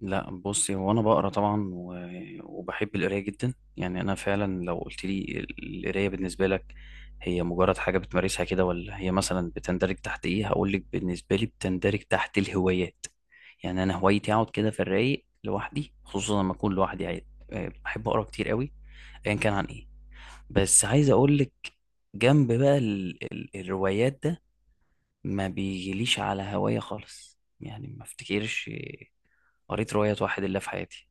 لا، بصي، هو انا بقرا طبعا وبحب القرايه جدا. يعني انا فعلا لو قلت لي القرايه بالنسبه لك هي مجرد حاجه بتمارسها كده ولا هي مثلا بتندرج تحت ايه؟ هقول لك، بالنسبه لي بتندرج تحت الهوايات. يعني انا هوايتي اقعد كده في الرايق لوحدي، خصوصا لما اكون لوحدي قاعد. بحب اقرا كتير قوي ايا كان عن ايه. بس عايز اقول لك، جنب بقى ال الروايات ده ما بيجيليش على هوايه خالص. يعني ما افتكرش قريت رواية واحد الا في حياتي.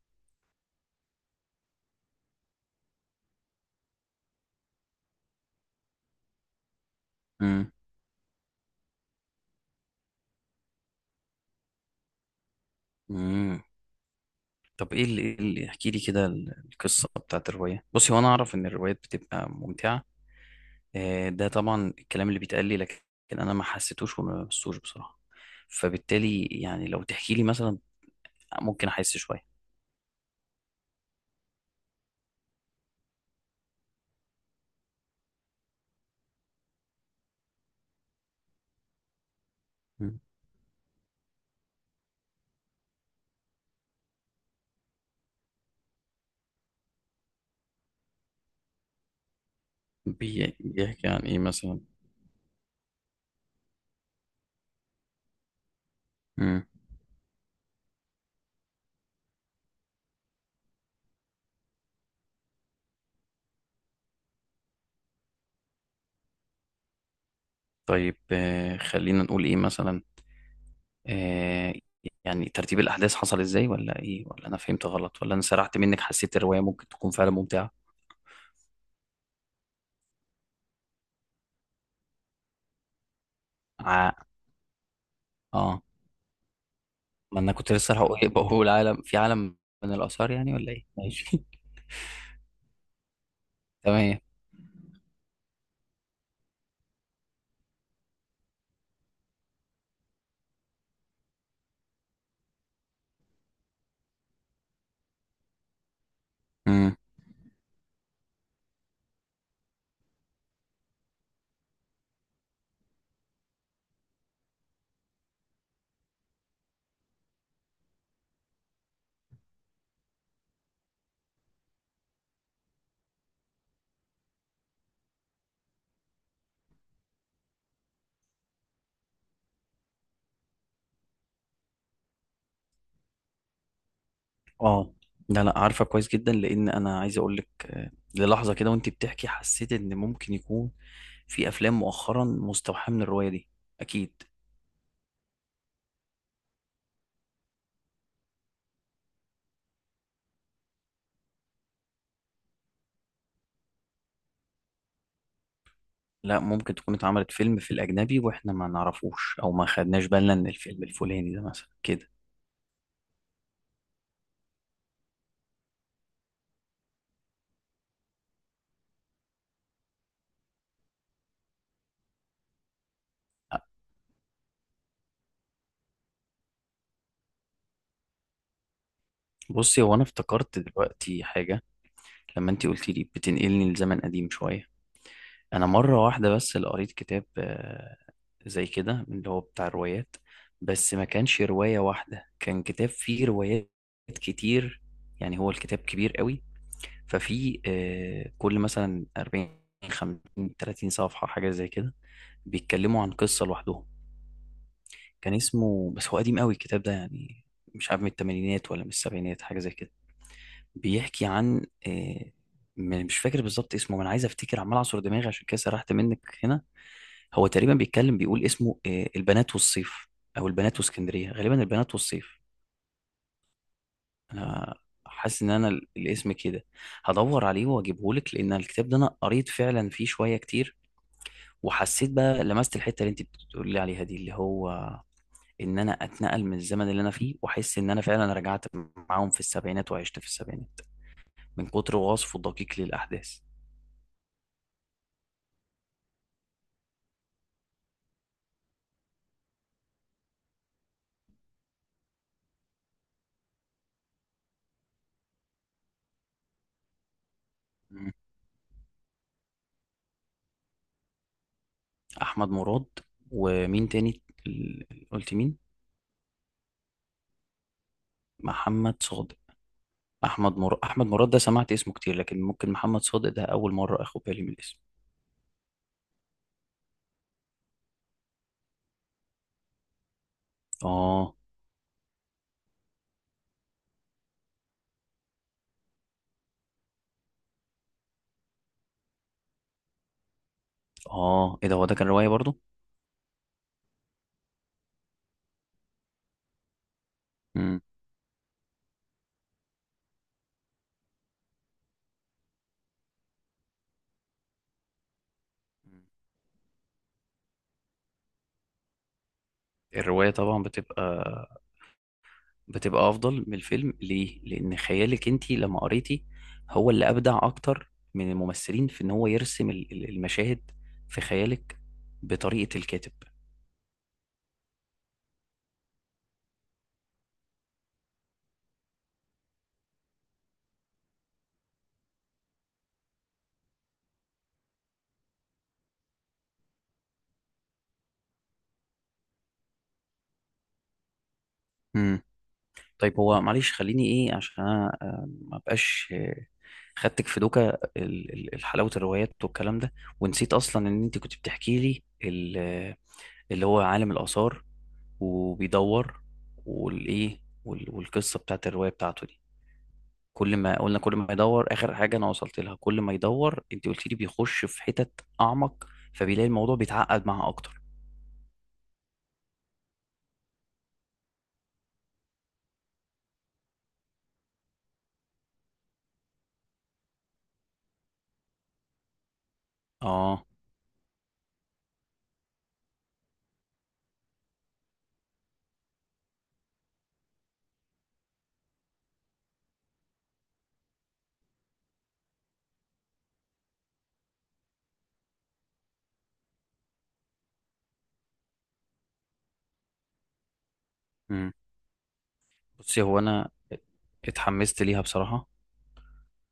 امم. امم. طب ايه إيه اللي، احكي لي كده القصه بتاعت الروايه. بصي، هو انا اعرف ان الروايات بتبقى ممتعه، ده طبعا الكلام اللي بيتقال لي، لكن انا ما حسيتوش وما لمستوش بصراحه. فبالتالي يعني لو تحكي لي مثلا ممكن احس شويه. مم. بيحكي عن ايه مثلا؟ امم. طيب، خلينا نقول ايه مثلا. آه، يعني ترتيب الاحداث حصل ازاي، ولا ايه، ولا انا فهمت غلط، ولا انا سرحت منك؟ حسيت الروايه ممكن تكون فعلا ممتعه. ع- اه. ما انا كنت لسه هقول إيه، بقول عالم في عالم، من الاثار يعني ولا ايه؟ ماشي تمام. امم. اه. لا، لا، عارفه كويس جدا، لان انا عايز اقول لك، للحظه كده وانت بتحكي حسيت ان ممكن يكون في افلام مؤخرا مستوحاه من الروايه دي، اكيد. لا، ممكن تكون اتعملت فيلم في الاجنبي واحنا ما نعرفوش، او ما خدناش بالنا ان الفيلم الفلاني ده مثلا كده. آه، بصي، هو انا افتكرت دلوقتي حاجه. لما انت قلتي لي بتنقلني لزمن قديم شويه، انا مره واحده بس اللي قريت كتاب زي كده، من اللي هو بتاع الروايات، بس ما كانش روايه واحده، كان كتاب فيه روايات كتير. يعني هو الكتاب كبير قوي. ففي كل مثلا 40، 50، 30 صفحه حاجه زي كده، بيتكلموا عن قصه لوحدهم. كان اسمه، بس هو قديم قوي الكتاب ده يعني، مش عارف من الثمانينات ولا من السبعينات، حاجه زي كده. بيحكي عن، مش فاكر بالظبط اسمه، ما انا عايز افتكر عمال اعصر دماغي عشان كده سرحت منك هنا. هو تقريبا بيتكلم، بيقول اسمه البنات والصيف، او البنات واسكندريه، غالبا البنات والصيف. انا حاسس ان انا الاسم كده هدور عليه واجيبه لك، لان الكتاب ده انا قريت فعلا فيه شويه كتير، وحسيت بقى لمست الحته اللي انت بتقولي لي عليها دي، اللي هو ان انا اتنقل من الزمن اللي انا فيه، واحس ان انا فعلا رجعت معاهم في السبعينات وعشت في السبعينات، من كتر وصفه الدقيق للاحداث. مم. احمد مراد ومين تاني؟ قلت مين؟ محمد صادق. احمد مراد ده سمعت اسمه كتير، لكن ممكن محمد صادق ده اول مره اخد بالي من الاسم. اه. اه، ايه ده، هو ده كان روايه برضو؟ مم. الروايه طبعا بتبقى افضل من الفيلم، ليه؟ لان خيالك انت لما قريتي هو اللي ابدع اكتر من الممثلين، في ان هو يرسم المشاهد في خيالك بطريقه الكاتب. امم. طيب، هو معلش خليني ايه، عشان انا ما بقاش خدتك في دوكا حلاوة الروايات والكلام ده، ونسيت أصلا إن أنت كنت بتحكي لي اللي هو عالم الآثار، وبيدور، والإيه، والقصة بتاعت الرواية بتاعته دي. كل ما قلنا، كل ما يدور، آخر حاجة أنا وصلت لها، كل ما يدور أنت قلت لي بيخش في حتت أعمق، فبيلاقي الموضوع بيتعقد معاه أكتر. آه. مم. بصي، هو أنا اتحمست ليها بصراحة،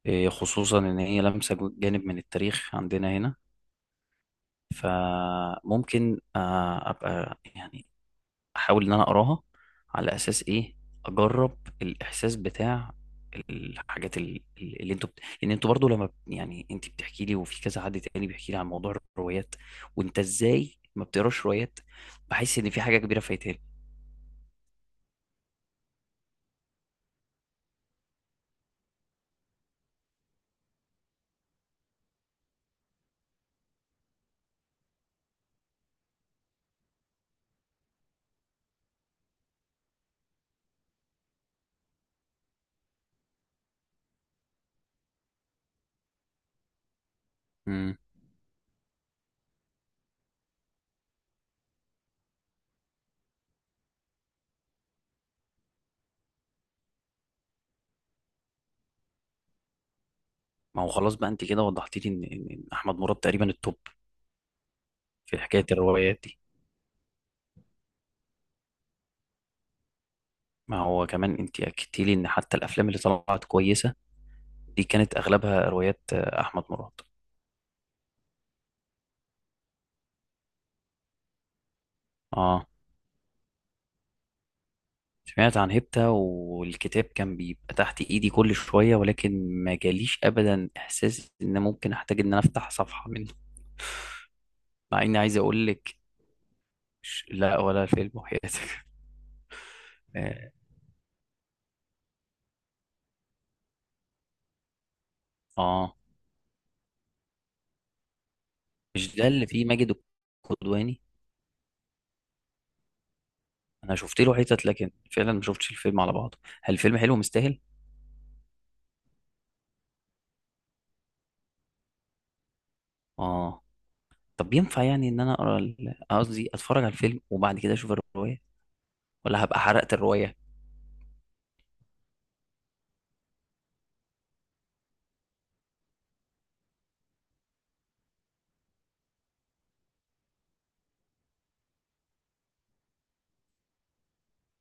إيه، خصوصا إن هي لمسة جانب من التاريخ عندنا هنا. فممكن ابقى يعني احاول ان انا اقراها، على اساس ايه؟ اجرب الاحساس بتاع الحاجات اللي انتوا لان انتوا برضو لما يعني انت بتحكي لي، وفي كذا حد تاني بيحكي لي عن موضوع الروايات، وانت ازاي ما بتقراش روايات، بحس ان في حاجه كبيره فايتاني. امم. ما هو خلاص بقى، انت كده وضحت لي إن احمد مراد تقريبا التوب في حكايه الروايات دي. ما هو كمان انت اكدتي لي ان حتى الافلام اللي طلعت كويسه دي كانت اغلبها روايات احمد مراد. اه، سمعت عن هيبتا، والكتاب كان بيبقى تحت ايدي كل شوية، ولكن ما جاليش ابدا احساس ان ممكن احتاج ان انا افتح صفحة منه. مع اني عايز اقول لك، لا، ولا فيلم وحياتك اه. آه. مش ده اللي فيه ماجد الكدواني؟ انا شفت له حتت لكن فعلا ما شفتش الفيلم على بعضه، هل الفيلم حلو مستاهل؟ اه. طب ينفع يعني ان انا اقرا قصدي اتفرج على الفيلم وبعد كده اشوف الرواية، ولا هبقى حرقت الرواية؟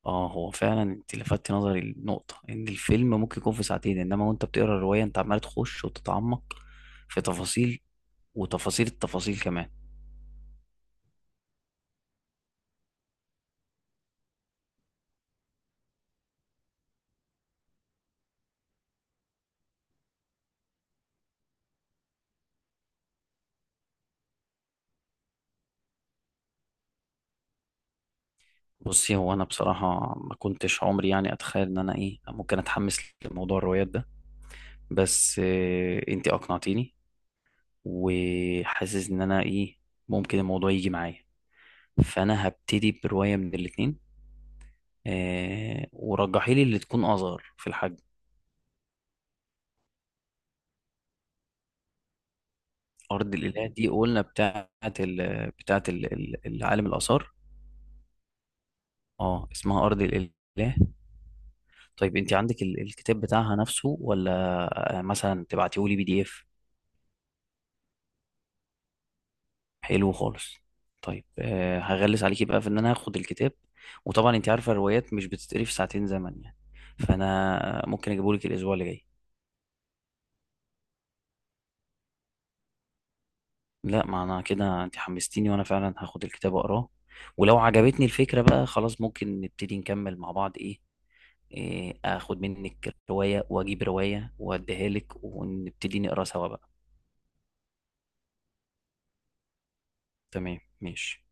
اه، هو فعلا انت لفتت نظري النقطة، ان الفيلم ممكن يكون في ساعتين، انما وانت بتقرا الرواية انت عمال تخش وتتعمق في تفاصيل، وتفاصيل التفاصيل كمان. بصي، هو انا بصراحة ما كنتش عمري يعني اتخيل ان انا ايه، ممكن اتحمس لموضوع الروايات ده، بس انت اقنعتيني، وحاسس ان انا ايه، ممكن الموضوع يجي معايا. فانا هبتدي برواية من الاتنين، ورجحيلي اللي تكون اصغر في الحجم. ارض الاله دي قلنا بتاعت العالم الاثار. اه، اسمها ارض الاله. طيب انت عندك الكتاب بتاعها نفسه، ولا مثلا تبعتيه لي PDF؟ حلو خالص. طيب، هغلس عليكي بقى في ان انا هاخد الكتاب، وطبعا انت عارفه الروايات مش بتتقري في ساعتين زمن يعني، فانا ممكن اجيبهولك الاسبوع اللي جاي. لا، ما انا كده انت حمستيني، وانا فعلا هاخد الكتاب اقراه، ولو عجبتني الفكره بقى خلاص ممكن نبتدي نكمل مع بعض، ايه، إيه، اخد منك روايه واجيب روايه واديها لك، ونبتدي نقرا سوا بقى. تمام، ماشي.